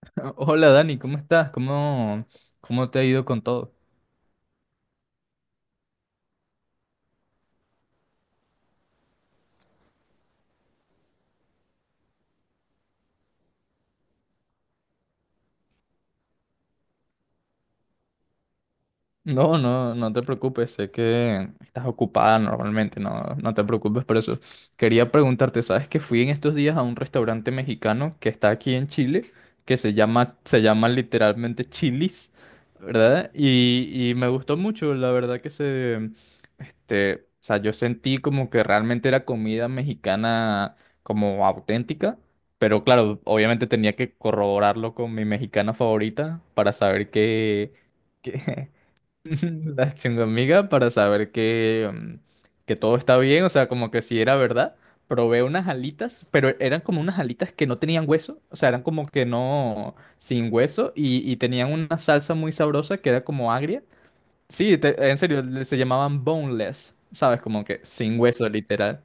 Hola Dani, ¿cómo estás? ¿Cómo te ha ido con todo? No, no, no te preocupes, sé que estás ocupada normalmente, no, no te preocupes por eso. Quería preguntarte, ¿sabes que fui en estos días a un restaurante mexicano que está aquí en Chile, que se llama literalmente Chili's, ¿verdad? Y me gustó mucho, la verdad o sea, yo sentí como que realmente era comida mexicana como auténtica. Pero claro, obviamente tenía que corroborarlo con mi mexicana favorita para saber que La chungomiga para saber que, que todo está bien, o sea, como que si era verdad. Probé unas alitas, pero eran como unas alitas que no tenían hueso, o sea, eran como que no, sin hueso, y tenían una salsa muy sabrosa que era como agria. Sí, en serio, se llamaban boneless, ¿sabes? Como que sin hueso, literal.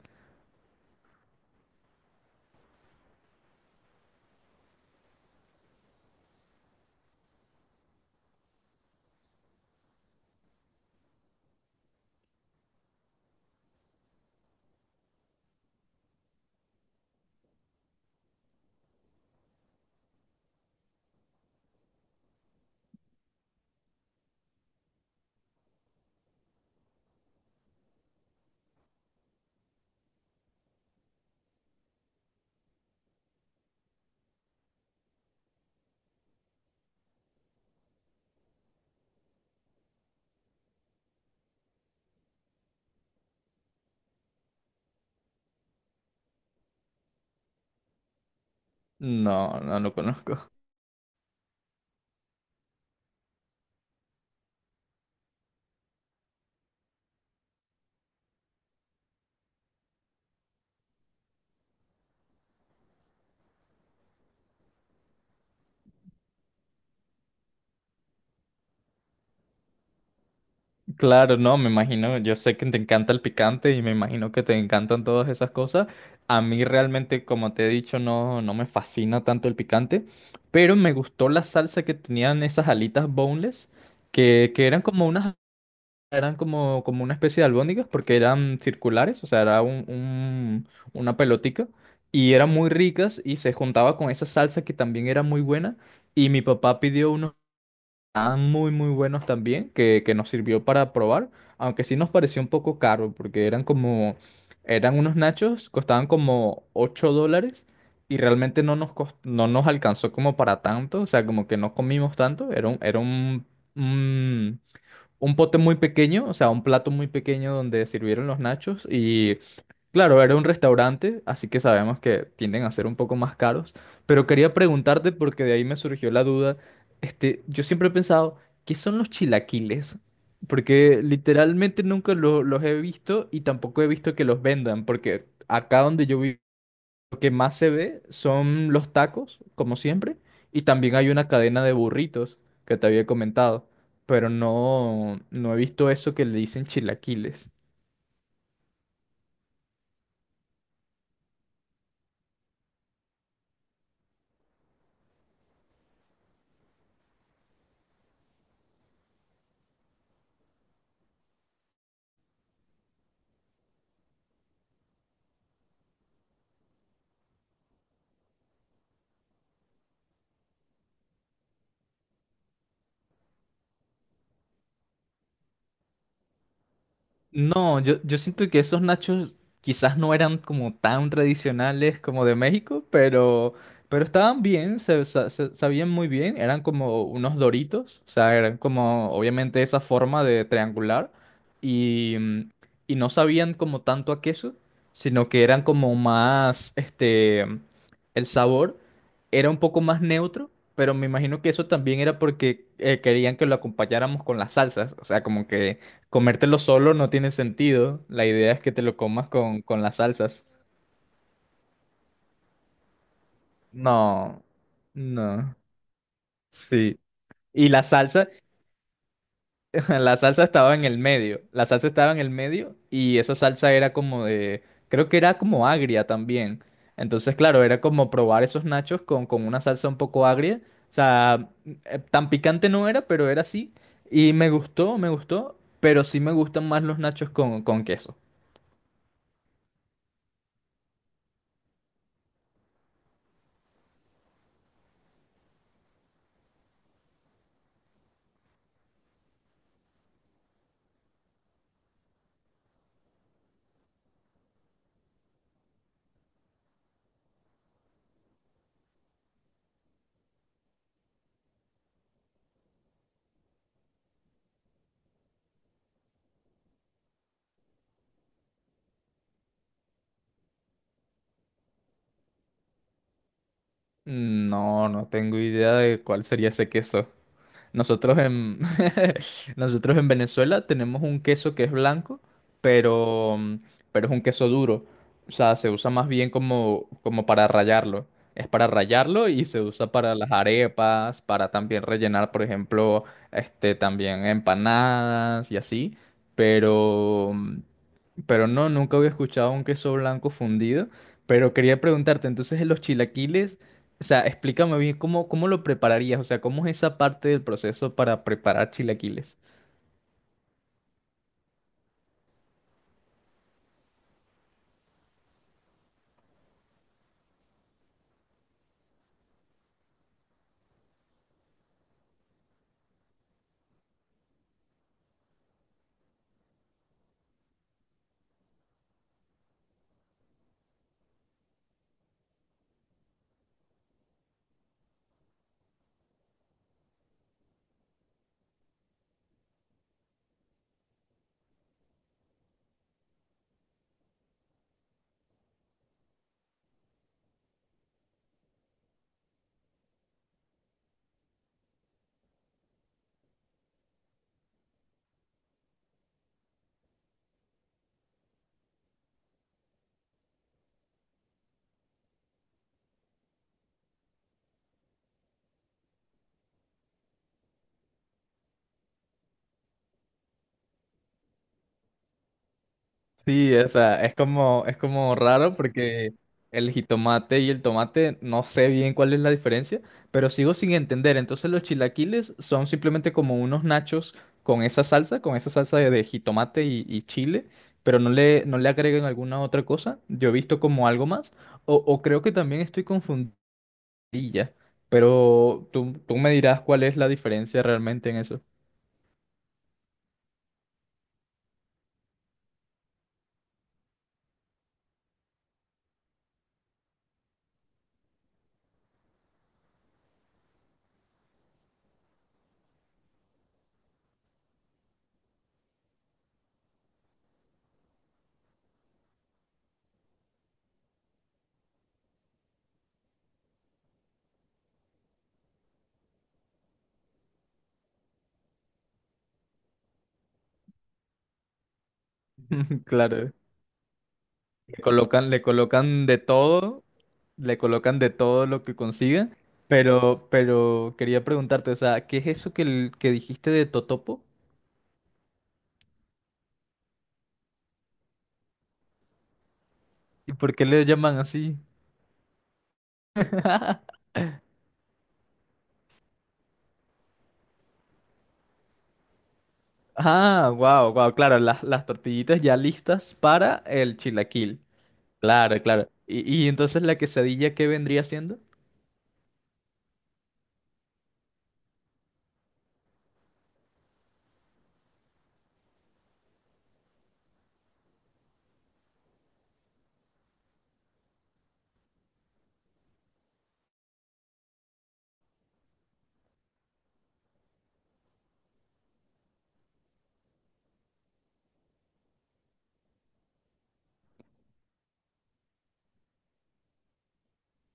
No, no lo conozco. Claro, no, me imagino, yo sé que te encanta el picante y me imagino que te encantan todas esas cosas. A mí realmente, como te he dicho, no, no me fascina tanto el picante, pero me gustó la salsa que tenían esas alitas boneless, que eran como unas, eran como, como una especie de albóndigas, porque eran circulares, o sea, una pelotica, y eran muy ricas y se juntaba con esa salsa que también era muy buena. Y mi papá pidió unos estaban muy muy buenos también, que nos sirvió para probar, aunque sí nos pareció un poco caro, porque eran como, eran unos nachos, costaban como 8 dólares y realmente no nos, no nos alcanzó como para tanto, o sea, como que no comimos tanto, un, un pote muy pequeño, o sea, un plato muy pequeño donde sirvieron los nachos. Claro, era un restaurante, así que sabemos que tienden a ser un poco más caros, pero quería preguntarte porque de ahí me surgió la duda. Este, yo siempre he pensado, ¿qué son los chilaquiles? Porque literalmente nunca los he visto y tampoco he visto que los vendan, porque acá donde yo vivo, lo que más se ve son los tacos, como siempre, y también hay una cadena de burritos que te había comentado, pero no, no he visto eso que le dicen chilaquiles. No, yo siento que esos nachos quizás no eran como tan tradicionales como de México, pero estaban bien, sabían muy bien, eran como unos doritos, o sea, eran como obviamente esa forma de triangular y, mm, y no sabían como tanto a queso, sino que eran como más, este, el sabor era un poco más neutro, pero me imagino que eso también era porque querían que lo acompañáramos con las salsas, o sea, como que... Comértelo solo no tiene sentido. La idea es que te lo comas con las salsas. No, no, sí. Y la salsa, la salsa estaba en el medio. La salsa estaba en el medio y esa salsa era como de, creo que era como agria también. Entonces, claro, era como probar esos nachos con una salsa un poco agria. O sea, tan picante no era, pero era así. Y me gustó, pero sí me gustan más los nachos con queso. No, no tengo idea de cuál sería ese queso. Nosotros en, nosotros en Venezuela tenemos un queso que es blanco, pero, pero es un queso duro. O sea, se usa más bien como, como para rallarlo. Es para rallarlo y se usa para las arepas, para también rellenar, por ejemplo, este, también empanadas y así. Pero, pero no, nunca había escuchado un queso blanco fundido. Pero quería preguntarte, entonces los chilaquiles, o sea, explícame bien cómo, cómo lo prepararías, o sea, cómo es esa parte del proceso para preparar chilaquiles. Sí, o sea, es como raro porque el jitomate y el tomate no sé bien cuál es la diferencia, pero sigo sin entender. Entonces los chilaquiles son simplemente como unos nachos con esa salsa de jitomate y chile, pero no le agregan alguna otra cosa. Yo he visto como algo más, o creo que también estoy confundida, pero tú me dirás cuál es la diferencia realmente en eso. Claro, le colocan de todo, le colocan de todo lo que consiga, pero quería preguntarte, o sea, ¿qué es eso que dijiste de Totopo? ¿Y por qué le llaman así? Ah, wow, wow, claro, las tortillitas ya listas para el chilaquil. Claro, claro. ¿Y entonces la quesadilla qué vendría siendo?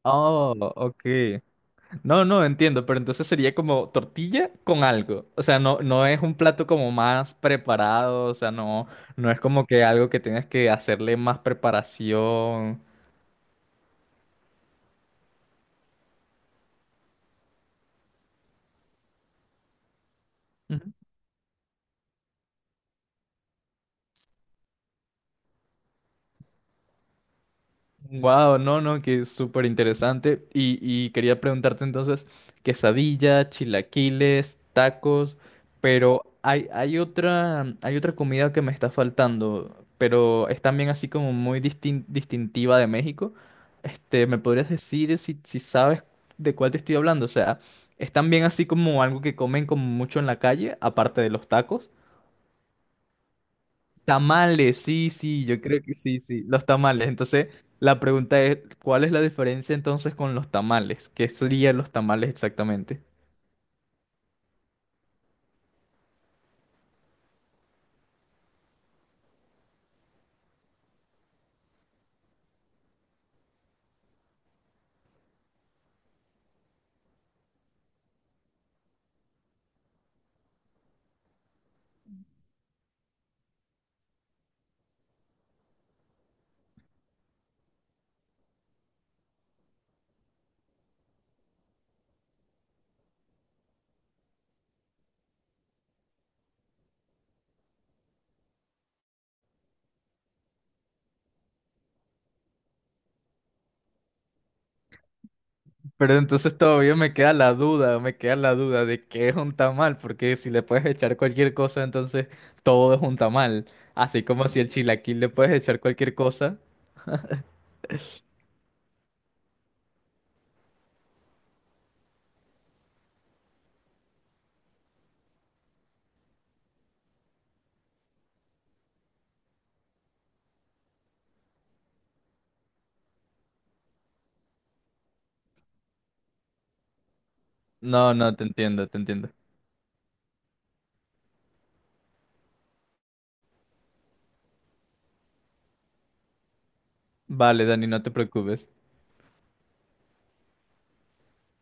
Oh, ok, no, no, entiendo, pero entonces sería como tortilla con algo. O sea, no, no es un plato como más preparado, o sea, no, no es como que algo que tienes que hacerle más preparación. Wow, no, no, que es súper interesante. Y quería preguntarte entonces, quesadilla, chilaquiles, tacos, pero hay, hay otra comida que me está faltando, pero es también así como muy distintiva de México. Este, ¿me podrías decir si, si sabes de cuál te estoy hablando? O sea, es también así como algo que comen como mucho en la calle, aparte de los tacos. Tamales, sí, sí, yo creo que sí, sí, los tamales. Entonces, la pregunta es, ¿cuál es la diferencia entonces con los tamales? ¿Qué serían los tamales exactamente? Pero entonces todavía me queda la duda, me queda la duda de qué es un tamal, porque si le puedes echar cualquier cosa, entonces todo es un tamal. Así como si el chilaquil le puedes echar cualquier cosa. No, no, te entiendo, te entiendo. Vale, Dani, no te preocupes.